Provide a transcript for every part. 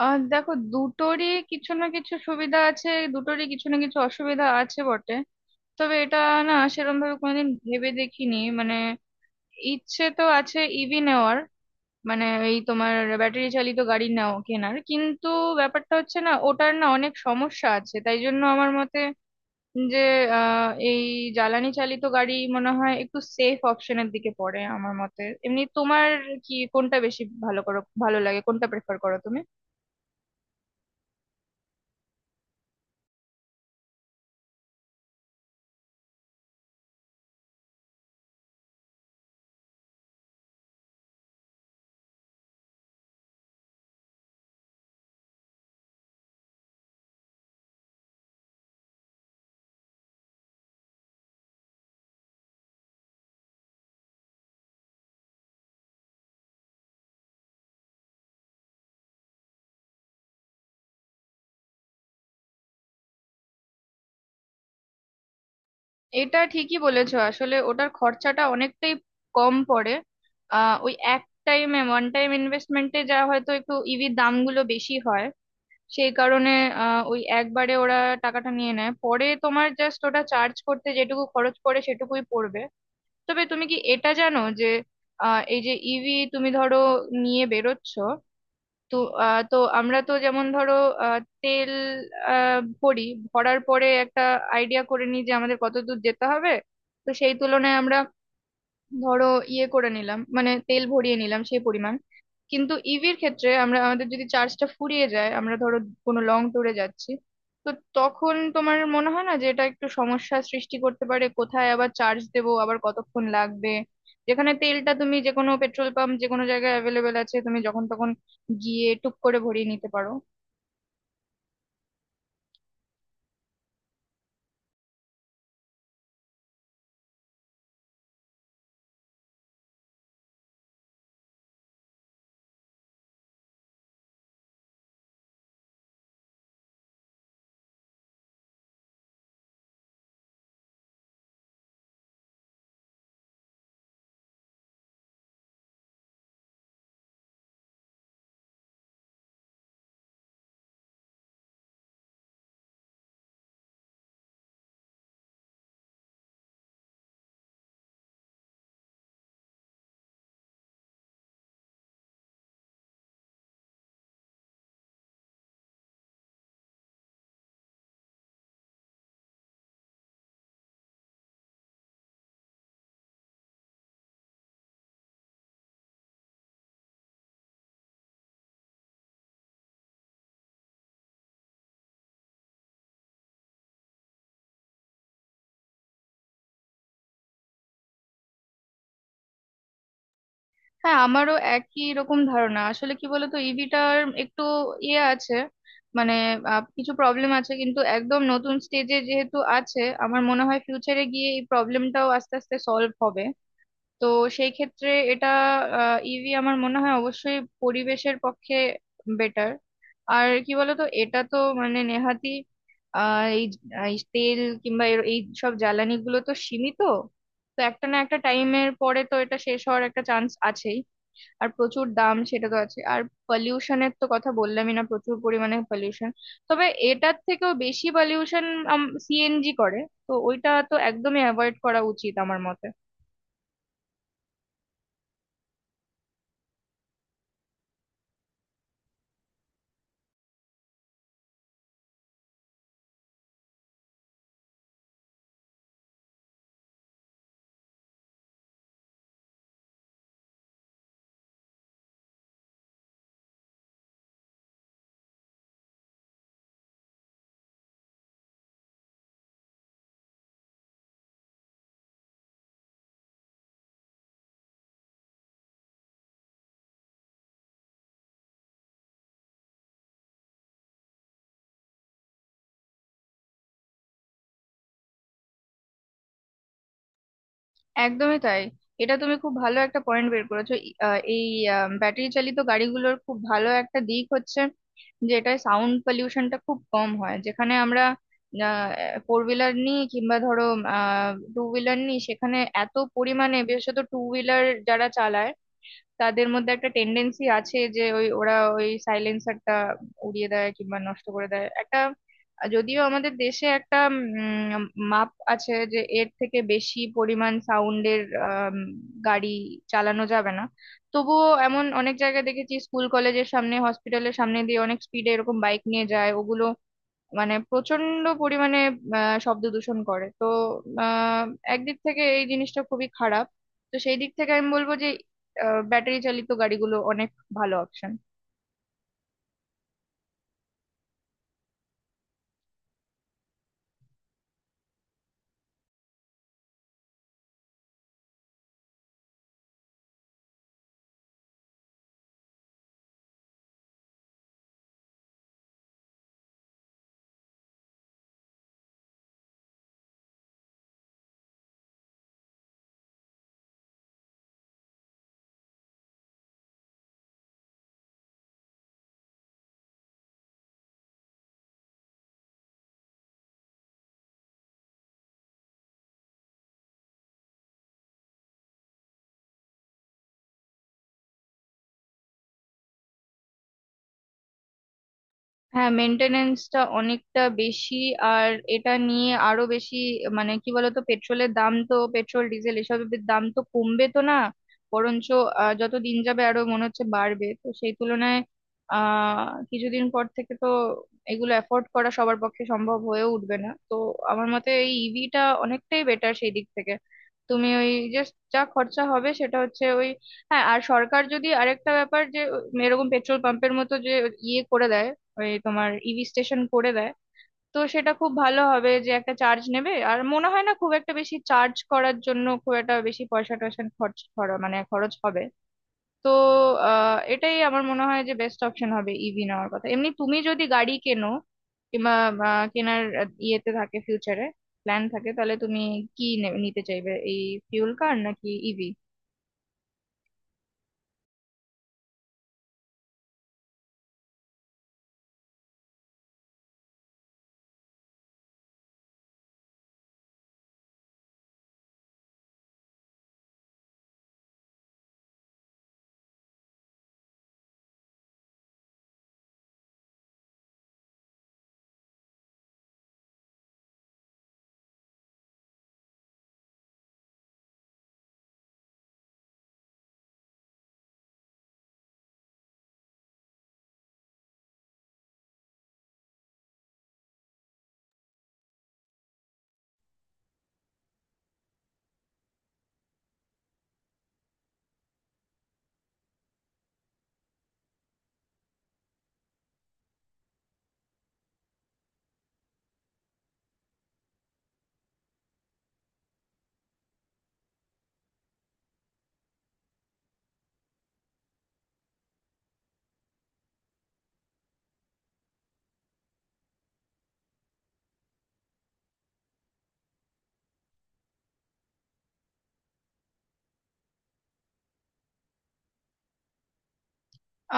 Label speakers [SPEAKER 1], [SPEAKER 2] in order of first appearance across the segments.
[SPEAKER 1] দেখো, দুটোরই কিছু না কিছু সুবিধা আছে, দুটোরই কিছু না কিছু অসুবিধা আছে বটে। তবে এটা না, সেরকম ভাবে কোনোদিন ভেবে দেখিনি। মানে ইচ্ছে তো আছে ইভি নেওয়ার। মানে এই তোমার ব্যাটারি চালিত গাড়ি নাও কেনার, কিন্তু ব্যাপারটা হচ্ছে না, ওটার না অনেক সমস্যা আছে, তাই জন্য আমার মতে যে এই জ্বালানি চালিত গাড়ি মনে হয় একটু সেফ অপশনের দিকে পড়ে। আমার মতে এমনি, তোমার কি কোনটা বেশি ভালো করো, ভালো লাগে, কোনটা প্রেফার করো তুমি? এটা ঠিকই বলেছো, আসলে ওটার খরচাটা অনেকটাই কম পড়ে। ওই এক টাইমে, ওয়ান টাইম ইনভেস্টমেন্টে, যা হয়তো একটু ইভির দামগুলো বেশি হয় সেই কারণে। ওই একবারে ওরা টাকাটা নিয়ে নেয়, পরে তোমার জাস্ট ওটা চার্জ করতে যেটুকু খরচ পড়ে সেটুকুই পড়বে। তবে তুমি কি এটা জানো যে এই যে ইভি তুমি ধরো নিয়ে বেরোচ্ছো, তো তো আমরা তো যেমন ধরো, তেল ভরি, ভরার পরে একটা আইডিয়া করে নিই যে আমাদের কতদূর যেতে হবে। তো সেই তুলনায় আমরা ধরো ইয়ে করে নিলাম, মানে তেল ভরিয়ে নিলাম সেই পরিমাণ। কিন্তু ইভির ক্ষেত্রে আমরা, আমাদের যদি চার্জটা ফুরিয়ে যায়, আমরা ধরো কোনো লং ট্যুরে যাচ্ছি, তো তখন তোমার মনে হয় না যে এটা একটু সমস্যা সৃষ্টি করতে পারে? কোথায় আবার চার্জ দেবো, আবার কতক্ষণ লাগবে। যেখানে তেলটা তুমি যে কোনো পেট্রোল পাম্প, যে কোনো জায়গায় অ্যাভেলেবেল আছে, তুমি যখন তখন গিয়ে টুক করে ভরিয়ে নিতে পারো। হ্যাঁ, আমারও একই রকম ধারণা। আসলে কি বলতো, ইভিটার একটু ইয়ে আছে, মানে কিছু প্রবলেম আছে, কিন্তু একদম নতুন স্টেজে যেহেতু আছে, আমার মনে হয় ফিউচারে গিয়ে এই প্রবলেমটাও আস্তে আস্তে সলভ হবে। তো সেই ক্ষেত্রে এটা, ইভি আমার মনে হয় অবশ্যই পরিবেশের পক্ষে বেটার। আর কি বলতো, এটা তো মানে নেহাতি, আহ এই এই তেল কিংবা এই সব জ্বালানিগুলো তো সীমিত। তো একটা না একটা টাইমের পরে তো এটা শেষ হওয়ার একটা চান্স আছেই। আর প্রচুর দাম, সেটা তো আছে। আর পলিউশনের তো কথা বললামই, না, প্রচুর পরিমাণে পলিউশন। তবে এটার থেকেও বেশি পলিউশন সিএনজি করে, তো ওইটা তো একদমই অ্যাভয়েড করা উচিত আমার মতে। একদমই তাই। এটা তুমি খুব ভালো একটা পয়েন্ট বের করেছো। এই ব্যাটারি চালিত গাড়িগুলোর খুব ভালো একটা দিক হচ্ছে যে এটায় সাউন্ড পলিউশনটা খুব কম হয়। যেখানে আমরা ফোর হুইলার নিই কিংবা ধরো টু হুইলার নিই, সেখানে এত পরিমাণে, বিশেষত টু হুইলার যারা চালায়, তাদের মধ্যে একটা টেন্ডেন্সি আছে যে ওই ওরা ওই সাইলেন্সারটা উড়িয়ে দেয় কিংবা নষ্ট করে দেয় একটা। যদিও আমাদের দেশে একটা উম, মাপ আছে যে এর থেকে বেশি পরিমাণ সাউন্ডের গাড়ি চালানো যাবে না, তবুও এমন অনেক জায়গায় দেখেছি, স্কুল কলেজের সামনে, হসপিটালের সামনে দিয়ে অনেক স্পিডে এরকম বাইক নিয়ে যায় ওগুলো। মানে প্রচন্ড পরিমাণে শব্দ দূষণ করে তো। আহ, একদিক থেকে এই জিনিসটা খুবই খারাপ। তো সেই দিক থেকে আমি বলবো যে ব্যাটারি চালিত গাড়িগুলো অনেক ভালো অপশন। হ্যাঁ, মেনটেনেন্সটা অনেকটা বেশি। আর এটা নিয়ে আরো বেশি, মানে কি বলতো, পেট্রোলের দাম তো, পেট্রোল ডিজেল এসবের দাম তো কমবে তো না, বরঞ্চ যত দিন যাবে আরো মনে হচ্ছে বাড়বে। তো সেই তুলনায় আহ কিছুদিন পর থেকে তো এগুলো অ্যাফোর্ড করা সবার পক্ষে সম্ভব হয়ে উঠবে না। তো আমার মতে এই ইভিটা অনেকটাই বেটার সেই দিক থেকে। তুমি ওই জাস্ট যা খরচা হবে সেটা হচ্ছে ওই। হ্যাঁ, আর সরকার যদি আরেকটা ব্যাপার, যে এরকম পেট্রোল পাম্পের মতো যে ইয়ে করে দেয়, ওই তোমার ইভি স্টেশন করে দেয়, তো সেটা খুব ভালো হবে। যে একটা চার্জ নেবে, আর মনে হয় না খুব একটা বেশি চার্জ করার জন্য খুব একটা বেশি পয়সা টয়সা খরচ খরচ মানে খরচ হবে। তো এটাই আমার মনে হয় যে বেস্ট অপশন হবে ইভি নেওয়ার কথা। এমনি তুমি যদি গাড়ি কেনো কিংবা কেনার ইয়েতে থাকে, ফিউচারে প্ল্যান থাকে, তাহলে তুমি কি নিতে চাইবে, এই ফিউল কার নাকি ইভি?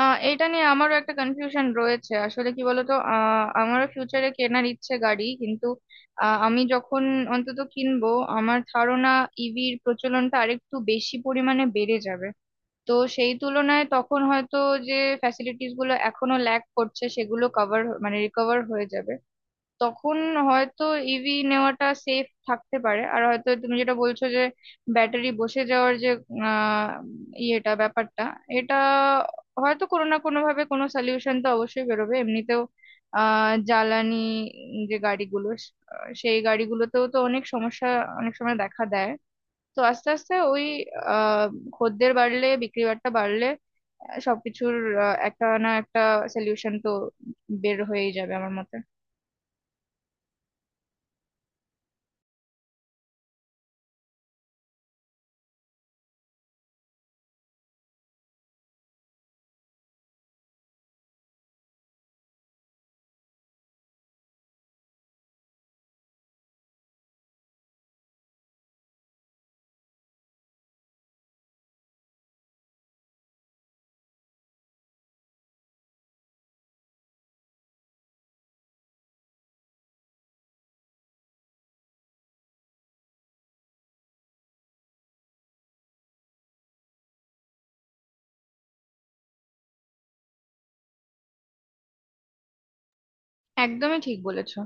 [SPEAKER 1] এটা নিয়ে আমারও একটা কনফিউশন রয়েছে। আসলে কি বলতো, আমারও ফিউচারে কেনার ইচ্ছে গাড়ি, কিন্তু আমি যখন অন্তত কিনবো, আমার ধারণা ইভির প্রচলনটা আরেকটু বেশি পরিমাণে বেড়ে যাবে। তো সেই তুলনায় তখন হয়তো যে ফ্যাসিলিটিস গুলো এখনো ল্যাক করছে, সেগুলো কভার, মানে রিকভার হয়ে যাবে। তখন হয়তো ইভি নেওয়াটা সেফ থাকতে পারে। আর হয়তো তুমি যেটা বলছো যে ব্যাটারি বসে যাওয়ার যে আহ ইয়েটা, ব্যাপারটা, এটা হয়তো কোনো না কোনো ভাবে কোনো সলিউশন তো অবশ্যই বেরোবে। এমনিতেও জ্বালানি যে গাড়িগুলো, সেই গাড়িগুলোতেও তো অনেক সমস্যা অনেক সময় দেখা দেয়। তো আস্তে আস্তে ওই আহ খদ্দের বাড়লে, বিক্রি বাট্টা বাড়লে, সবকিছুর একটা না একটা সলিউশন তো বের হয়েই যাবে আমার মতে। একদমই ঠিক বলেছো।